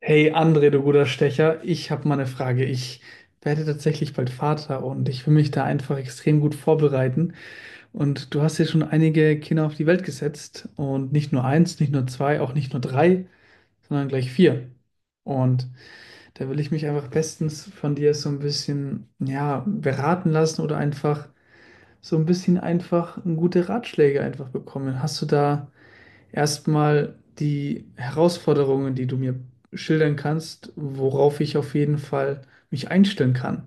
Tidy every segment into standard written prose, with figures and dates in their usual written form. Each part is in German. Hey André, du guter Stecher, ich habe mal eine Frage. Ich werde tatsächlich bald Vater und ich will mich da einfach extrem gut vorbereiten. Und du hast ja schon einige Kinder auf die Welt gesetzt und nicht nur eins, nicht nur zwei, auch nicht nur drei, sondern gleich vier. Und da will ich mich einfach bestens von dir so ein bisschen, ja, beraten lassen oder einfach so ein bisschen einfach gute Ratschläge einfach bekommen. Hast du da erstmal die Herausforderungen, die du mir schildern kannst, worauf ich auf jeden Fall mich einstellen kann.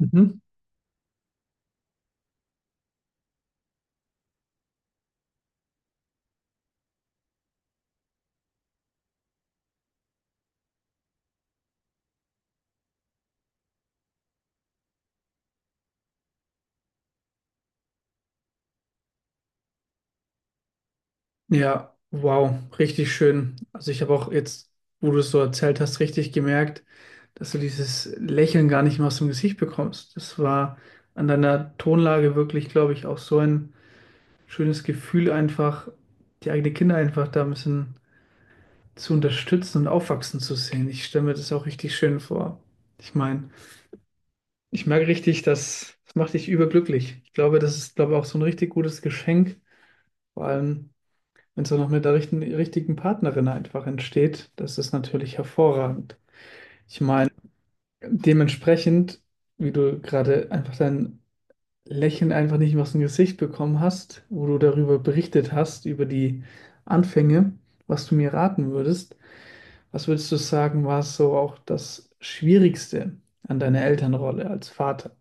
Mhm. Ja, wow, richtig schön. Also ich habe auch jetzt, wo du es so erzählt hast, richtig gemerkt, dass du dieses Lächeln gar nicht mehr aus dem Gesicht bekommst. Das war an deiner Tonlage wirklich, glaube ich, auch so ein schönes Gefühl, einfach die eigenen Kinder einfach da ein bisschen zu unterstützen und aufwachsen zu sehen. Ich stelle mir das auch richtig schön vor. Ich meine, ich merke richtig, das macht dich überglücklich. Ich glaube, das ist, glaube ich, auch so ein richtig gutes Geschenk. Vor allem, wenn es auch noch mit der richtigen Partnerin einfach entsteht, das ist natürlich hervorragend. Ich meine, dementsprechend, wie du gerade einfach dein Lächeln einfach nicht mehr aus dem Gesicht bekommen hast, wo du darüber berichtet hast, über die Anfänge, was du mir raten würdest, was würdest du sagen, war so auch das Schwierigste an deiner Elternrolle als Vater?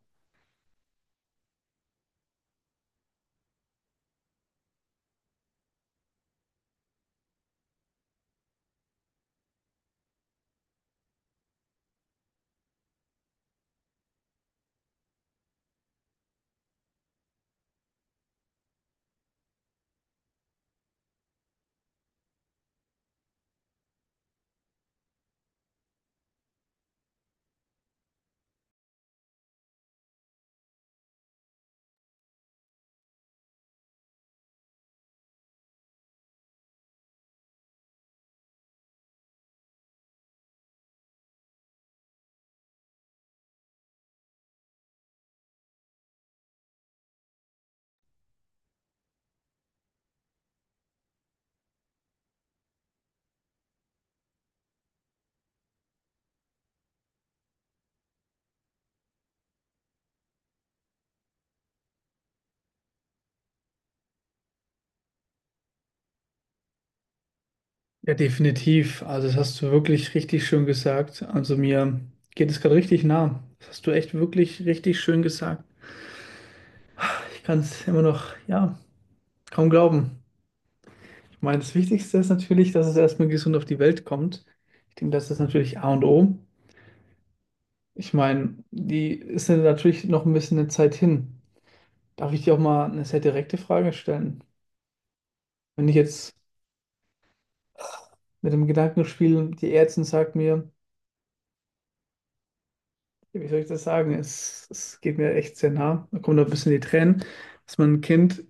Ja, definitiv. Also das hast du wirklich richtig schön gesagt. Also mir geht es gerade richtig nah. Das hast du echt wirklich richtig schön gesagt. Ich kann es immer noch, ja, kaum glauben. Ich meine, das Wichtigste ist natürlich, dass es erstmal gesund auf die Welt kommt. Ich denke, das ist natürlich A und O. Ich meine, die ist ja natürlich noch ein bisschen eine Zeit hin. Darf ich dir auch mal eine sehr direkte Frage stellen? Wenn ich jetzt mit dem Gedanken spiele, die Ärztin sagt mir, wie soll ich das sagen? Es geht mir echt sehr nah. Da kommen noch ein bisschen die Tränen, dass mein Kind,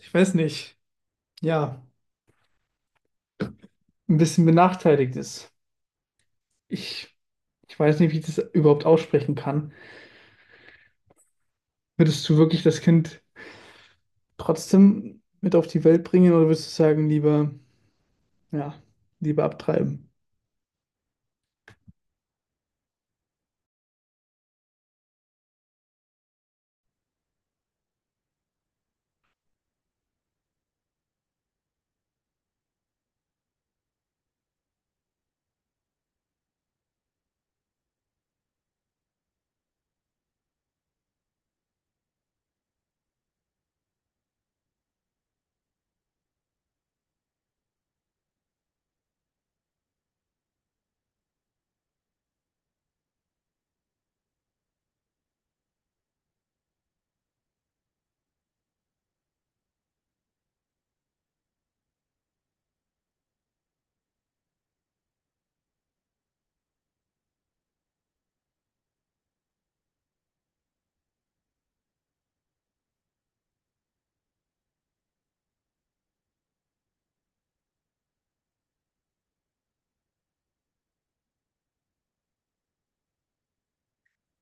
ich weiß nicht, ja, ein bisschen benachteiligt ist. Ich, ich weiß nicht, wie ich das überhaupt aussprechen kann. Würdest du wirklich das Kind trotzdem mit auf die Welt bringen oder würdest du sagen, lieber, ja, lieber abtreiben?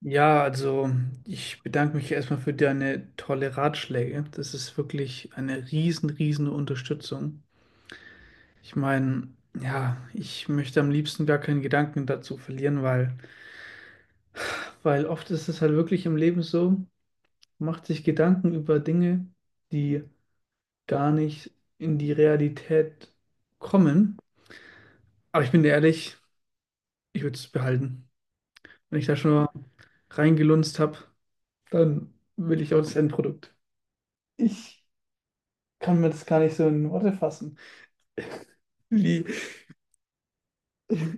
Ja, also ich bedanke mich erstmal für deine tolle Ratschläge. Das ist wirklich eine riesen Unterstützung. Ich meine, ja, ich möchte am liebsten gar keinen Gedanken dazu verlieren, weil oft ist es halt wirklich im Leben so, man macht sich Gedanken über Dinge, die gar nicht in die Realität kommen. Aber ich bin dir ehrlich, ich würde es behalten. Wenn ich da schon mal reingelunzt habe, dann will ich auch das Endprodukt. Ich kann mir das gar nicht so in Worte fassen, wie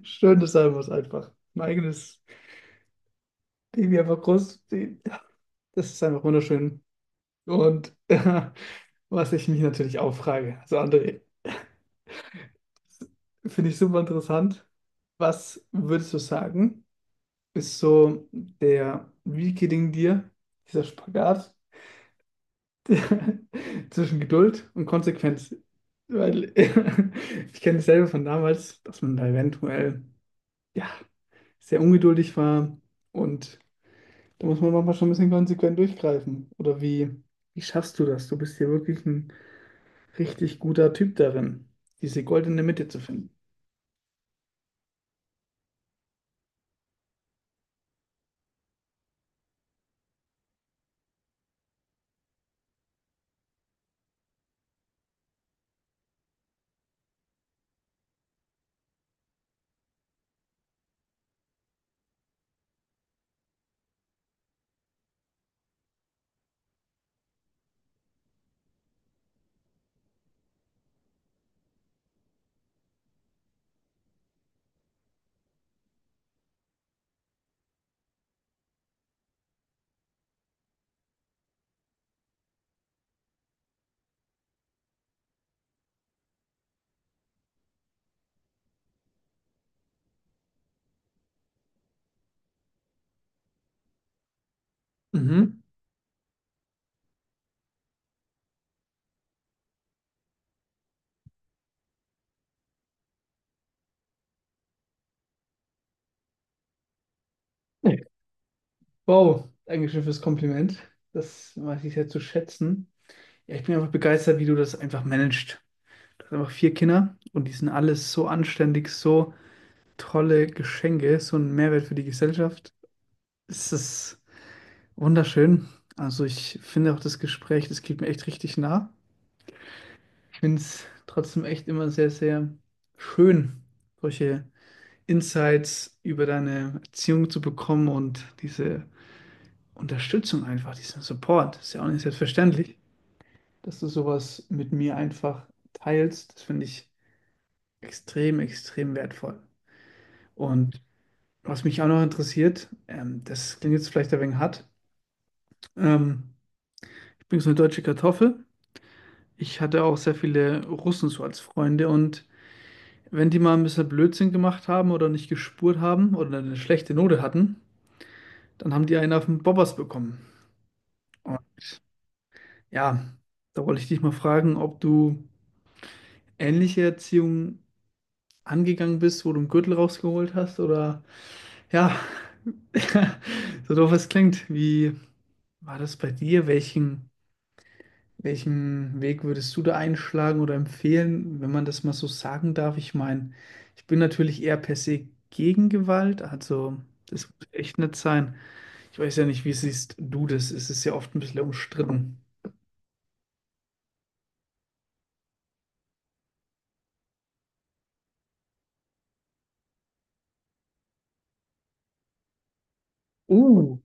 schön das sein muss einfach. Mein eigenes Baby einfach groß, das ist einfach wunderschön. Und was ich mich natürlich auch frage, also André, finde ich super interessant. Was würdest du sagen, ist so der, wie gelingt dir dieser Spagat der, zwischen Geduld und Konsequenz? Weil ich kenne dasselbe von damals, dass man da eventuell ja, sehr ungeduldig war und da muss man manchmal schon ein bisschen konsequent durchgreifen. Oder wie schaffst du das? Du bist hier wirklich ein richtig guter Typ darin, diese goldene Mitte zu finden. Mhm. Nee. Wow, Dankeschön fürs Kompliment. Das weiß ich sehr zu schätzen. Ja, ich bin einfach begeistert, wie du das einfach managst. Du hast einfach vier Kinder und die sind alles so anständig, so tolle Geschenke, so ein Mehrwert für die Gesellschaft. Es ist wunderschön. Also ich finde auch das Gespräch, das geht mir echt richtig nah. Ich finde es trotzdem echt immer sehr schön, solche Insights über deine Erziehung zu bekommen und diese Unterstützung einfach, diesen Support. Ist ja auch nicht selbstverständlich, dass du sowas mit mir einfach teilst. Das finde ich extrem wertvoll. Und was mich auch noch interessiert, das klingt jetzt vielleicht ein wenig hart, ähm, ich bin so eine deutsche Kartoffel. Ich hatte auch sehr viele Russen so als Freunde und wenn die mal ein bisschen Blödsinn gemacht haben oder nicht gespurt haben oder eine schlechte Note hatten, dann haben die einen auf den Bobbers bekommen. Und ja, da wollte ich dich mal fragen, ob du ähnliche Erziehung angegangen bist, wo du einen Gürtel rausgeholt hast oder ja, so doof es klingt. Wie war das bei dir? Welchen Weg würdest du da einschlagen oder empfehlen, wenn man das mal so sagen darf? Ich meine, ich bin natürlich eher per se gegen Gewalt, also das muss echt nicht sein. Ich weiß ja nicht, wie siehst du das? Es ist ja oft ein bisschen umstritten. Uh,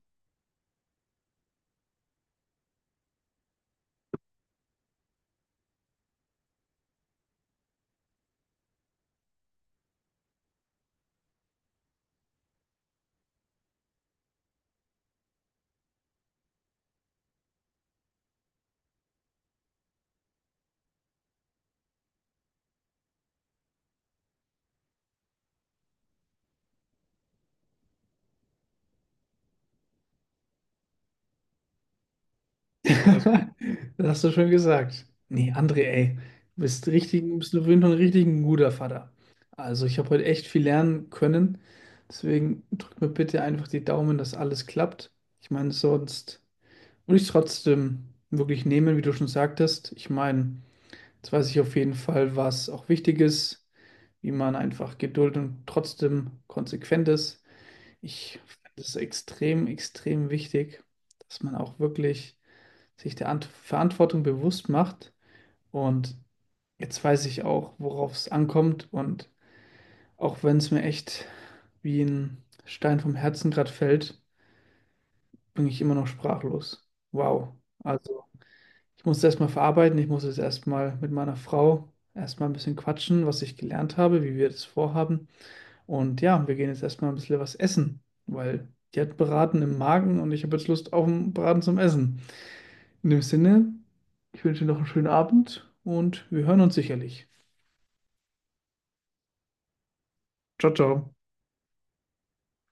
also, das hast du schön gesagt. Nee, André, ey, du bist richtig, du bist auf jeden Fall ein richtig ein guter Vater. Also, ich habe heute echt viel lernen können. Deswegen drück mir bitte einfach die Daumen, dass alles klappt. Ich meine, sonst würde ich es trotzdem wirklich nehmen, wie du schon sagtest. Ich meine, jetzt weiß ich auf jeden Fall, was auch wichtig ist, wie man einfach Geduld und trotzdem konsequent ist. Ich finde es extrem wichtig, dass man auch wirklich sich der Ant Verantwortung bewusst macht. Und jetzt weiß ich auch, worauf es ankommt. Und auch wenn es mir echt wie ein Stein vom Herzen gerade fällt, bin ich immer noch sprachlos. Wow. Also ich muss es erstmal verarbeiten. Ich muss es erstmal mit meiner Frau erstmal ein bisschen quatschen, was ich gelernt habe, wie wir das vorhaben. Und ja, wir gehen jetzt erstmal ein bisschen was essen, weil die hat Braten im Magen und ich habe jetzt Lust auf einen Braten zum Essen. In dem Sinne, ich wünsche dir noch einen schönen Abend und wir hören uns sicherlich. Ciao, ciao.